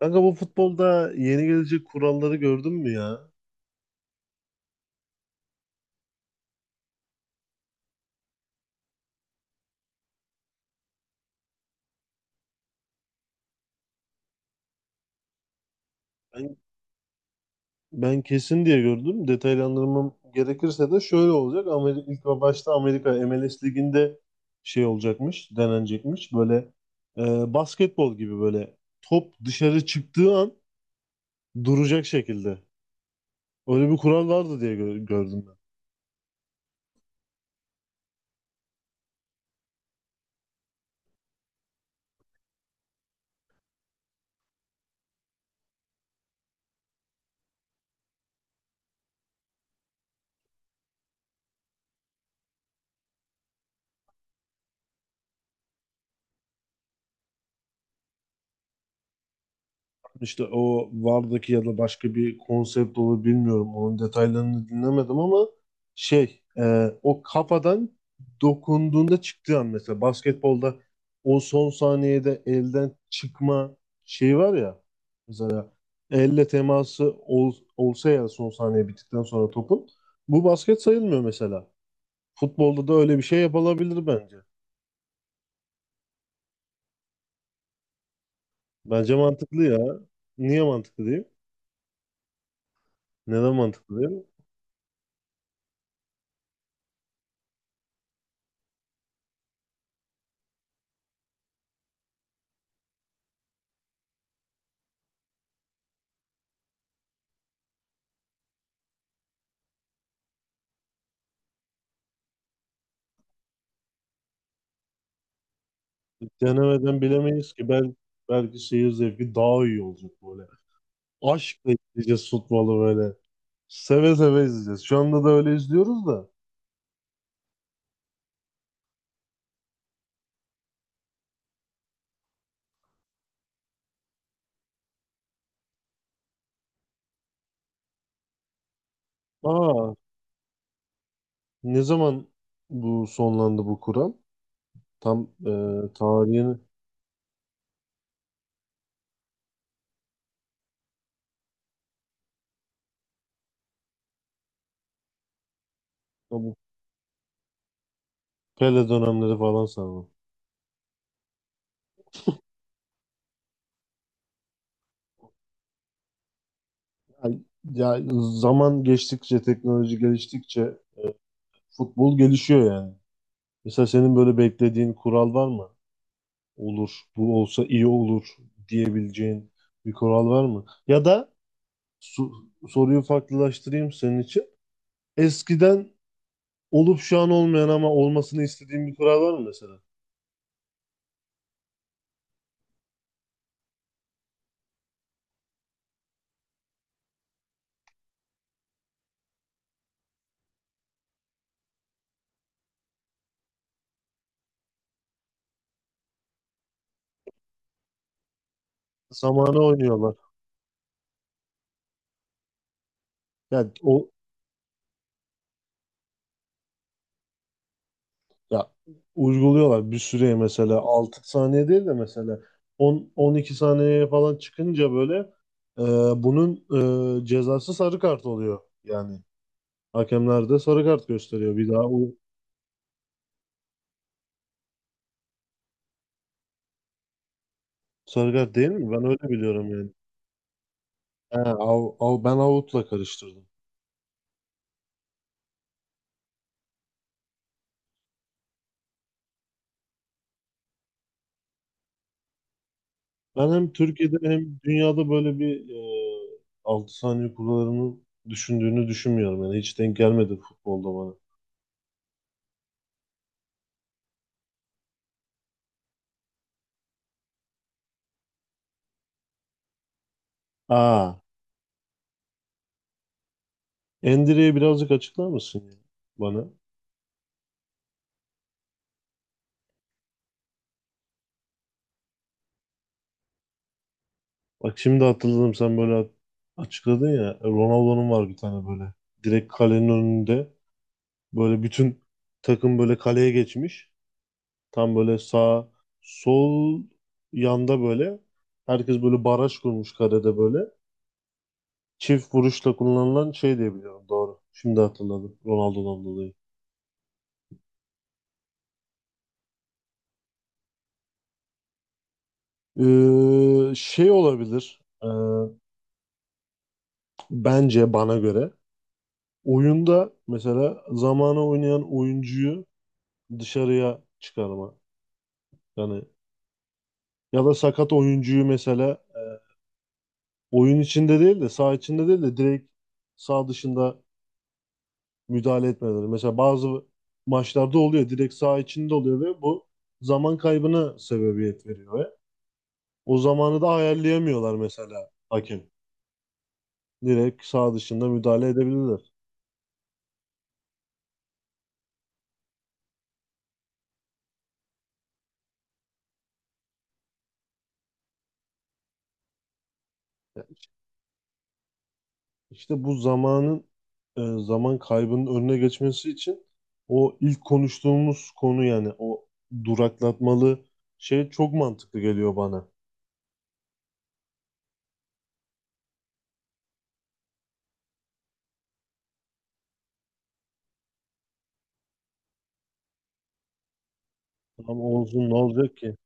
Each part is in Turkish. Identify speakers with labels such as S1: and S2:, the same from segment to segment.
S1: Kanka bu futbolda yeni gelecek kuralları gördün mü ya? Ben, ben kesin diye gördüm. Detaylandırmam gerekirse de şöyle olacak. Amerika, ilk ve başta Amerika MLS Ligi'nde şey olacakmış, denenecekmiş. Böyle basketbol gibi böyle top dışarı çıktığı an duracak şekilde. Öyle bir kural vardı diye gördüm. İşte o Var'daki ya da başka bir konsept olur bilmiyorum. Onun detaylarını dinlemedim ama şey o kafadan dokunduğunda çıktığı an mesela basketbolda o son saniyede elden çıkma şeyi var ya, mesela elle teması olsa ya son saniye bittikten sonra topun, bu basket sayılmıyor mesela. Futbolda da öyle bir şey yapılabilir bence. Bence mantıklı ya. Niye mantıklı diyeyim? Neden mantıklı diyeyim? Biz denemeden bilemeyiz ki, ben belki seyir zevki daha iyi olacak böyle. Aşkla izleyeceğiz futbolu böyle. Seve seve izleyeceğiz. Şu anda da öyle izliyoruz da. Aa, ne zaman bu sonlandı bu kural? Tam tarihini ya, bu Pele dönemleri falan sanırım. Ya, ya, zaman geçtikçe, teknoloji geliştikçe futbol gelişiyor yani. Mesela senin böyle beklediğin kural var mı? Olur, bu olsa iyi olur diyebileceğin bir kural var mı? Ya da soruyu farklılaştırayım senin için. Eskiden olup şu an olmayan ama olmasını istediğin bir kural var mı mesela? Zamana oynuyorlar. Yani o, ya uyguluyorlar bir süreye, mesela 6 saniye değil de mesela 12 saniyeye falan çıkınca böyle, e, bunun cezası sarı kart oluyor. Yani hakemler de sarı kart gösteriyor. Bir daha o sarı kart değil mi? Ben öyle biliyorum yani. He, av, ben avutla karıştırdım. Ben hem Türkiye'de hem dünyada böyle bir e, 6 saniye kuralını düşündüğünü düşünmüyorum. Yani hiç denk gelmedi futbolda bana. Aa, Endire'yi birazcık açıklar mısın ya bana? Bak şimdi hatırladım, sen böyle açıkladın ya. Ronaldo'nun var bir tane böyle. Direkt kalenin önünde böyle bütün takım böyle kaleye geçmiş. Tam böyle sağ sol yanda böyle. Herkes böyle baraj kurmuş karede böyle. Çift vuruşla kullanılan şey diye biliyorum. Doğru. Şimdi hatırladım. Ronaldo'dan dolayı. Şey olabilir. Bence bana göre oyunda mesela zamana oynayan oyuncuyu dışarıya çıkarma. Yani ya da sakat oyuncuyu mesela, oyun içinde değil de saha içinde değil de direkt saha dışında müdahale etmeleri. Mesela bazı maçlarda oluyor. Direkt saha içinde oluyor ve bu zaman kaybına sebebiyet veriyor. O zamanı da ayarlayamıyorlar mesela hakem. Direkt sağ dışında müdahale edebilirler. İşte bu zamanın, zaman kaybının önüne geçmesi için o ilk konuştuğumuz konu, yani o duraklatmalı şey çok mantıklı geliyor bana. Ama olsun, ne olacak ki?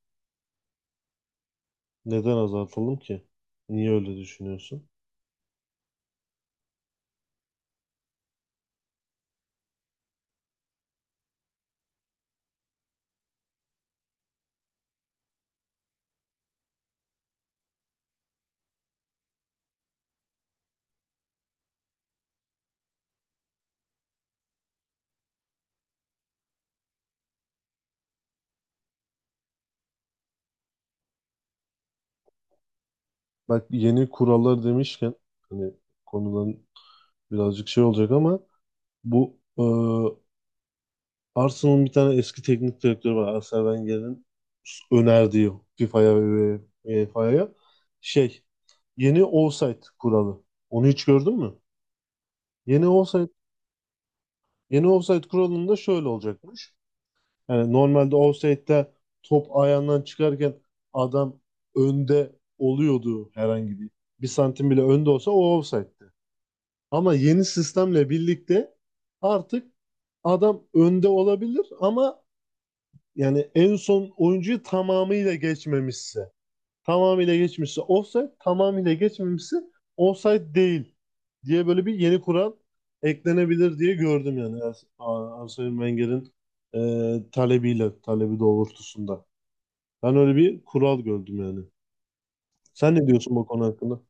S1: Neden azaltalım ki? Niye öyle düşünüyorsun? Bak, yeni kurallar demişken, hani konudan birazcık şey olacak ama bu, Arsenal'ın bir tane eski teknik direktörü var. Arsene Wenger'in önerdiği FIFA'ya ve UEFA'ya şey, yeni offside kuralı. Onu hiç gördün mü? Yeni offside yeni offside kuralında şöyle olacakmış. Yani normalde offside'de top ayağından çıkarken adam önde oluyordu herhangi bir. Bir santim bile önde olsa o offside'di. Ama yeni sistemle birlikte artık adam önde olabilir ama yani en son oyuncuyu tamamıyla geçmişse offside, tamamıyla geçmemişse offside değil diye böyle bir yeni kural eklenebilir diye gördüm yani Arsene Wenger'in talebi doğrultusunda. Ben öyle bir kural gördüm yani. Sen ne diyorsun bu konu hakkında?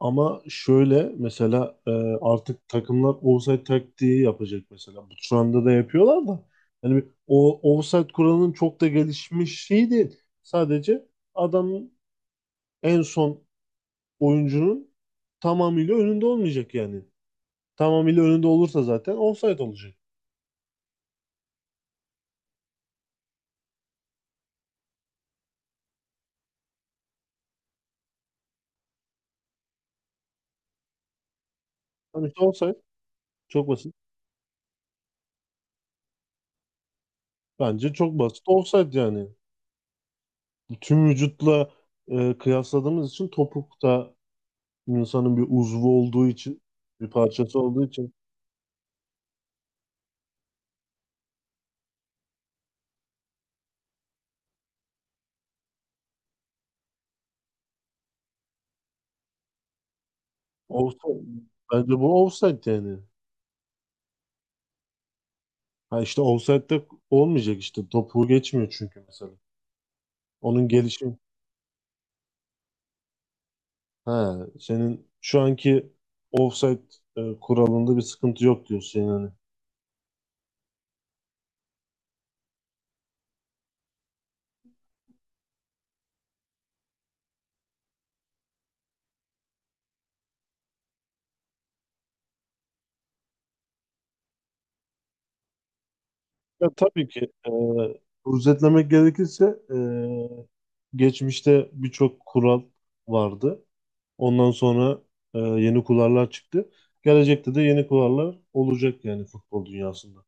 S1: Ama şöyle mesela, artık takımlar offside taktiği yapacak mesela. Bu şu anda da yapıyorlar da. Yani o offside kuralının çok da gelişmiş şey değil. Sadece adamın en son oyuncunun tamamıyla önünde olmayacak yani. Tamamıyla önünde olursa zaten offside olacak. Hani işte offside çok basit. Bence çok basit offside yani. Tüm vücutla kıyasladığımız için topuk da insanın bir uzvu olduğu için, bir parçası olduğu için. Offside. Bence bu offside yani. Ha, işte offside'de olmayacak işte. Topu geçmiyor çünkü mesela. Onun gelişim. Ha, senin şu anki offside kuralında bir sıkıntı yok diyorsun yani. Ya tabii ki, özetlemek gerekirse, e, geçmişte birçok kural vardı. Ondan sonra yeni kurallar çıktı. Gelecekte de yeni kurallar olacak yani futbol dünyasında.